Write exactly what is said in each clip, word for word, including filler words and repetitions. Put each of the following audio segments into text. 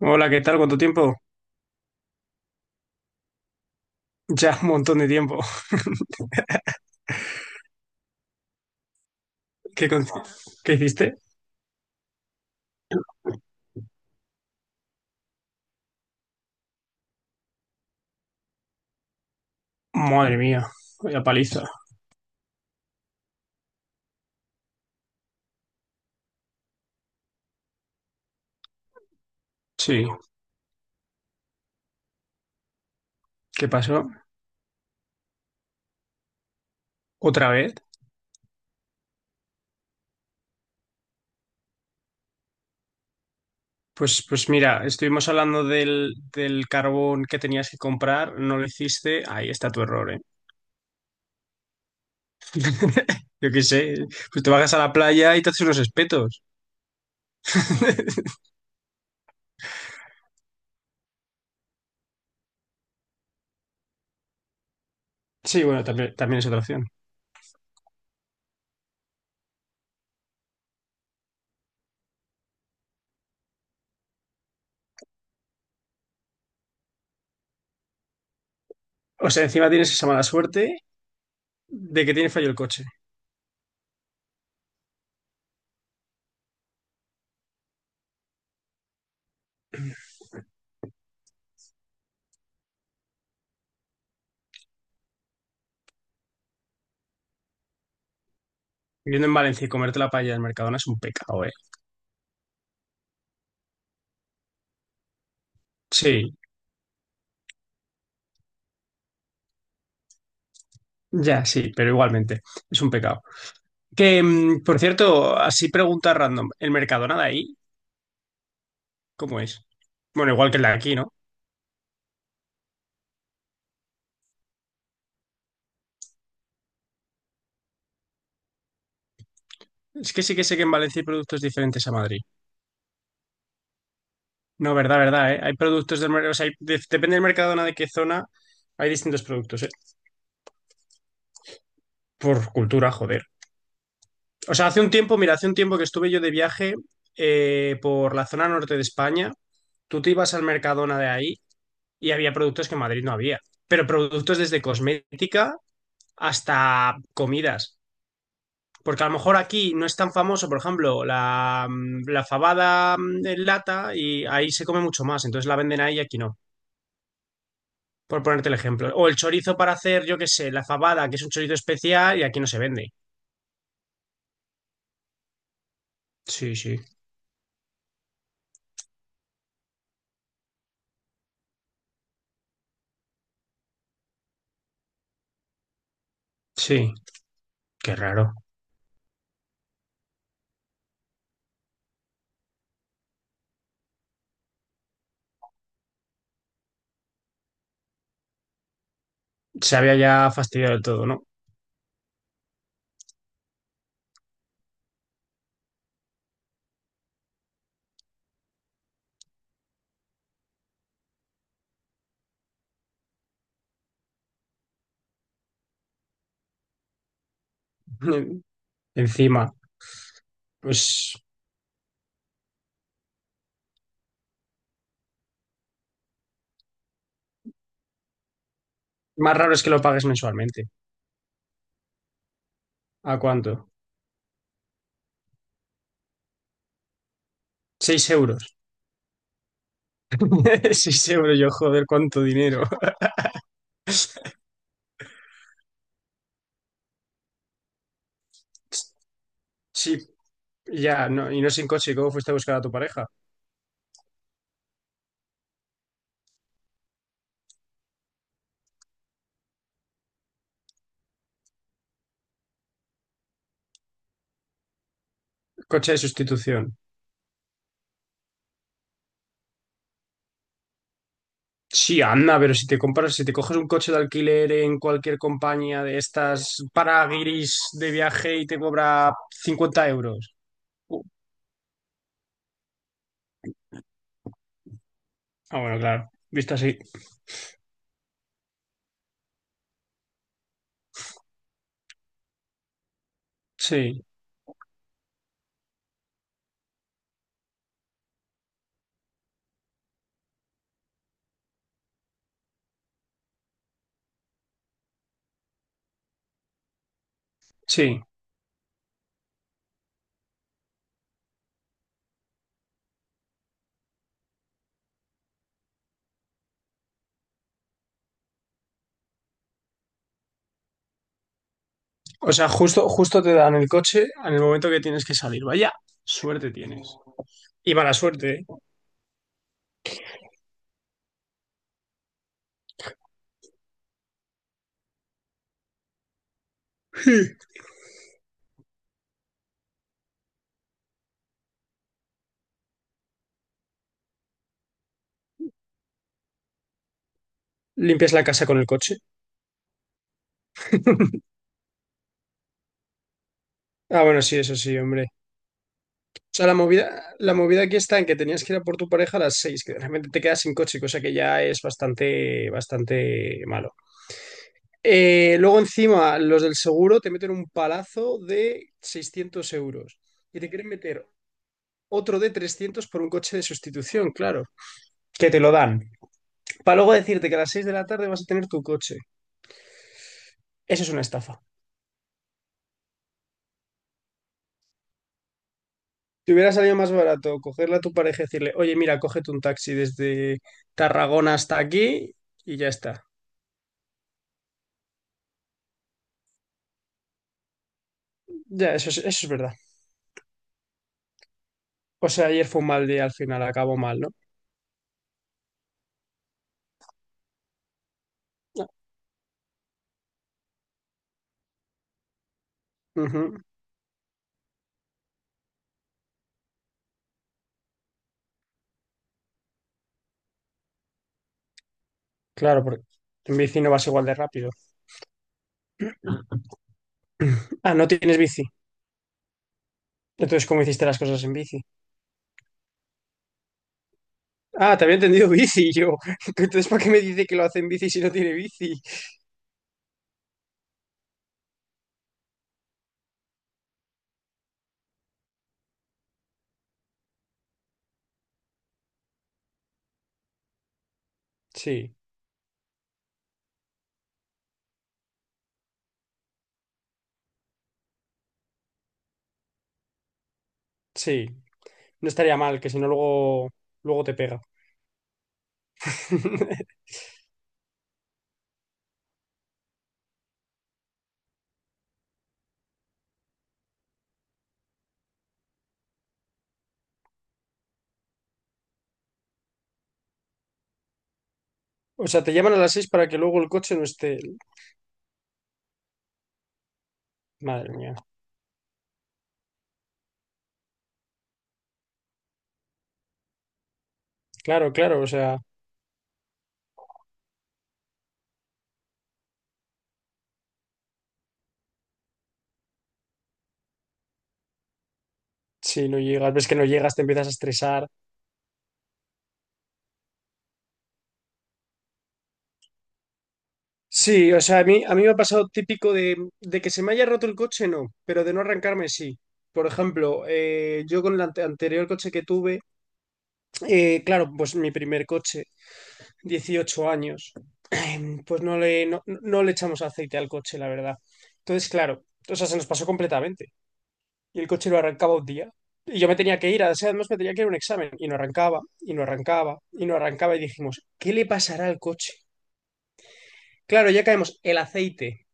Hola, ¿qué tal? ¿Cuánto tiempo? Ya un montón de tiempo. ¿Qué, con- qué hiciste? Madre mía, la paliza. Sí, ¿qué pasó? ¿Otra vez? Pues, pues mira, estuvimos hablando del, del carbón que tenías que comprar, no lo hiciste. Ahí está tu error, ¿eh? Yo qué sé, pues te bajas a la playa y te haces unos espetos. Sí, bueno, también, también es otra opción. O sea, encima tienes esa mala suerte de que tiene fallo el coche. Viviendo en Valencia y comerte la paella del Mercadona es un pecado, ¿eh? Sí. Ya, sí, pero igualmente, es un pecado. Que, mm, por cierto, así pregunta random, ¿el Mercadona de ahí cómo es? Bueno, igual que el de aquí, ¿no? Es que sí que sé que en Valencia hay productos diferentes a Madrid. No, verdad, verdad, ¿eh? Hay productos del mercado, o sea, hay- de- depende del Mercadona de qué zona, hay distintos productos, ¿eh? Por cultura, joder. O sea, hace un tiempo, mira, hace un tiempo que estuve yo de viaje eh, por la zona norte de España, tú te ibas al Mercadona de ahí y había productos que en Madrid no había, pero productos desde cosmética hasta comidas. Porque a lo mejor aquí no es tan famoso, por ejemplo, la, mm, la fabada mm, en lata y ahí se come mucho más, entonces la venden ahí y aquí no, por ponerte el ejemplo. O el chorizo para hacer, yo qué sé, la fabada, que es un chorizo especial y aquí no se vende. Sí, sí, sí, qué raro. Se había ya fastidiado del todo, ¿no? Encima, pues más raro es que lo pagues mensualmente. ¿A cuánto? Seis euros. Seis euros, yo joder, cuánto dinero. Sí. Ya, no, y no sin coche, ¿cómo fuiste a buscar a tu pareja? Coche de sustitución. Sí, anda, pero si te compras, si te coges un coche de alquiler en cualquier compañía de estas para guiris de viaje y te cobra cincuenta euros. Uh, Ah, bueno, claro, visto así. Sí, sí. O sea, justo, justo te dan el coche en el momento que tienes que salir. Vaya, suerte tienes. Y mala suerte, ¿eh? Limpias la casa con el coche. Ah, bueno, sí, eso sí, hombre. O sea, la movida, la movida aquí está en que tenías que ir a por tu pareja a las seis, que realmente te quedas sin coche, cosa que ya es bastante, bastante malo. Eh, luego encima, los del seguro te meten un palazo de seiscientos euros y te quieren meter otro de trescientos por un coche de sustitución, claro, que te lo dan. Para luego decirte que a las seis de la tarde vas a tener tu coche. Eso es una estafa. Te hubiera salido más barato cogerle a tu pareja y decirle, oye, mira, cógete un taxi desde Tarragona hasta aquí y ya está. Ya, eso es- eso es verdad. O sea, ayer fue un mal día al final, acabó mal, ¿no? Ujú. Claro, porque en bici no vas igual de rápido. Ah, no tienes bici. Entonces, ¿cómo hiciste las cosas en bici? Ah, te había entendido bici yo. Entonces, ¿para qué me dice que lo hace en bici si no tiene bici? Sí, sí. No estaría mal, que si no luego, luego te pega. O sea, te llaman a las seis para que luego el coche no esté. Madre mía. Claro, claro, o sea, si no llegas, ves que no llegas, te empiezas a estresar. Sí, o sea, a mí, a mí me ha pasado típico de, de que se me haya roto el coche, no, pero de no arrancarme, sí. Por ejemplo, eh, yo con el ante- anterior coche que tuve, eh, claro, pues mi primer coche, dieciocho años, pues no le, no, no le echamos aceite al coche, la verdad. Entonces, claro, o sea, se nos pasó completamente. Y el coche lo arrancaba un día. Y yo me tenía que ir, o sea, además me tenía que ir a un examen. Y no arrancaba, y no arrancaba, y no arrancaba. Y dijimos, ¿qué le pasará al coche? Claro, ya caemos, el aceite.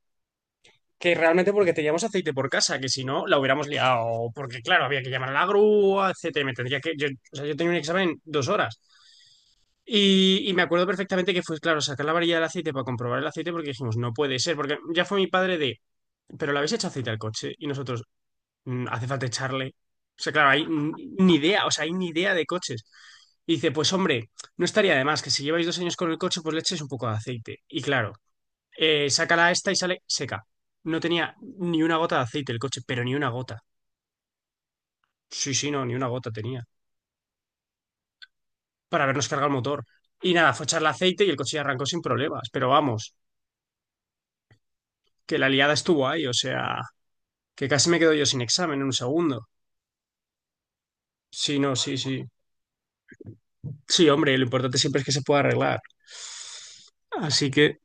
Que realmente porque teníamos aceite por casa, que si no, la hubiéramos liado. Porque, claro, había que llamar a la grúa, etcétera. Me tendría que. Yo, o sea, yo tenía un examen en dos horas. Y, y me acuerdo perfectamente que fue, claro, sacar la varilla del aceite para comprobar el aceite, porque dijimos, no puede ser. Porque ya fue mi padre de, pero le habéis hecho aceite al coche. Y nosotros, "Mm, hace falta echarle". O sea, claro, hay n- ni idea, o sea, hay ni idea de coches. Y dice, pues hombre, no estaría de más que si lleváis dos años con el coche, pues le echéis un poco de aceite. Y claro eh, saca la esta y sale seca. No tenía ni una gota de aceite el coche, pero ni una gota. Sí, sí, no, ni una gota tenía. Para habernos cargado el motor. Y nada, fue echarle aceite y el coche ya arrancó sin problemas. Pero vamos, que la liada estuvo ahí, o sea, que casi me quedo yo sin examen en un segundo. Sí, no, sí, sí. Sí, hombre, lo importante siempre es que se pueda arreglar. Así que,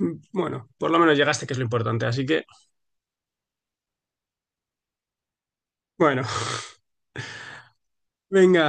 mm, bueno, por lo menos llegaste, que es lo importante. Así que, bueno, venga.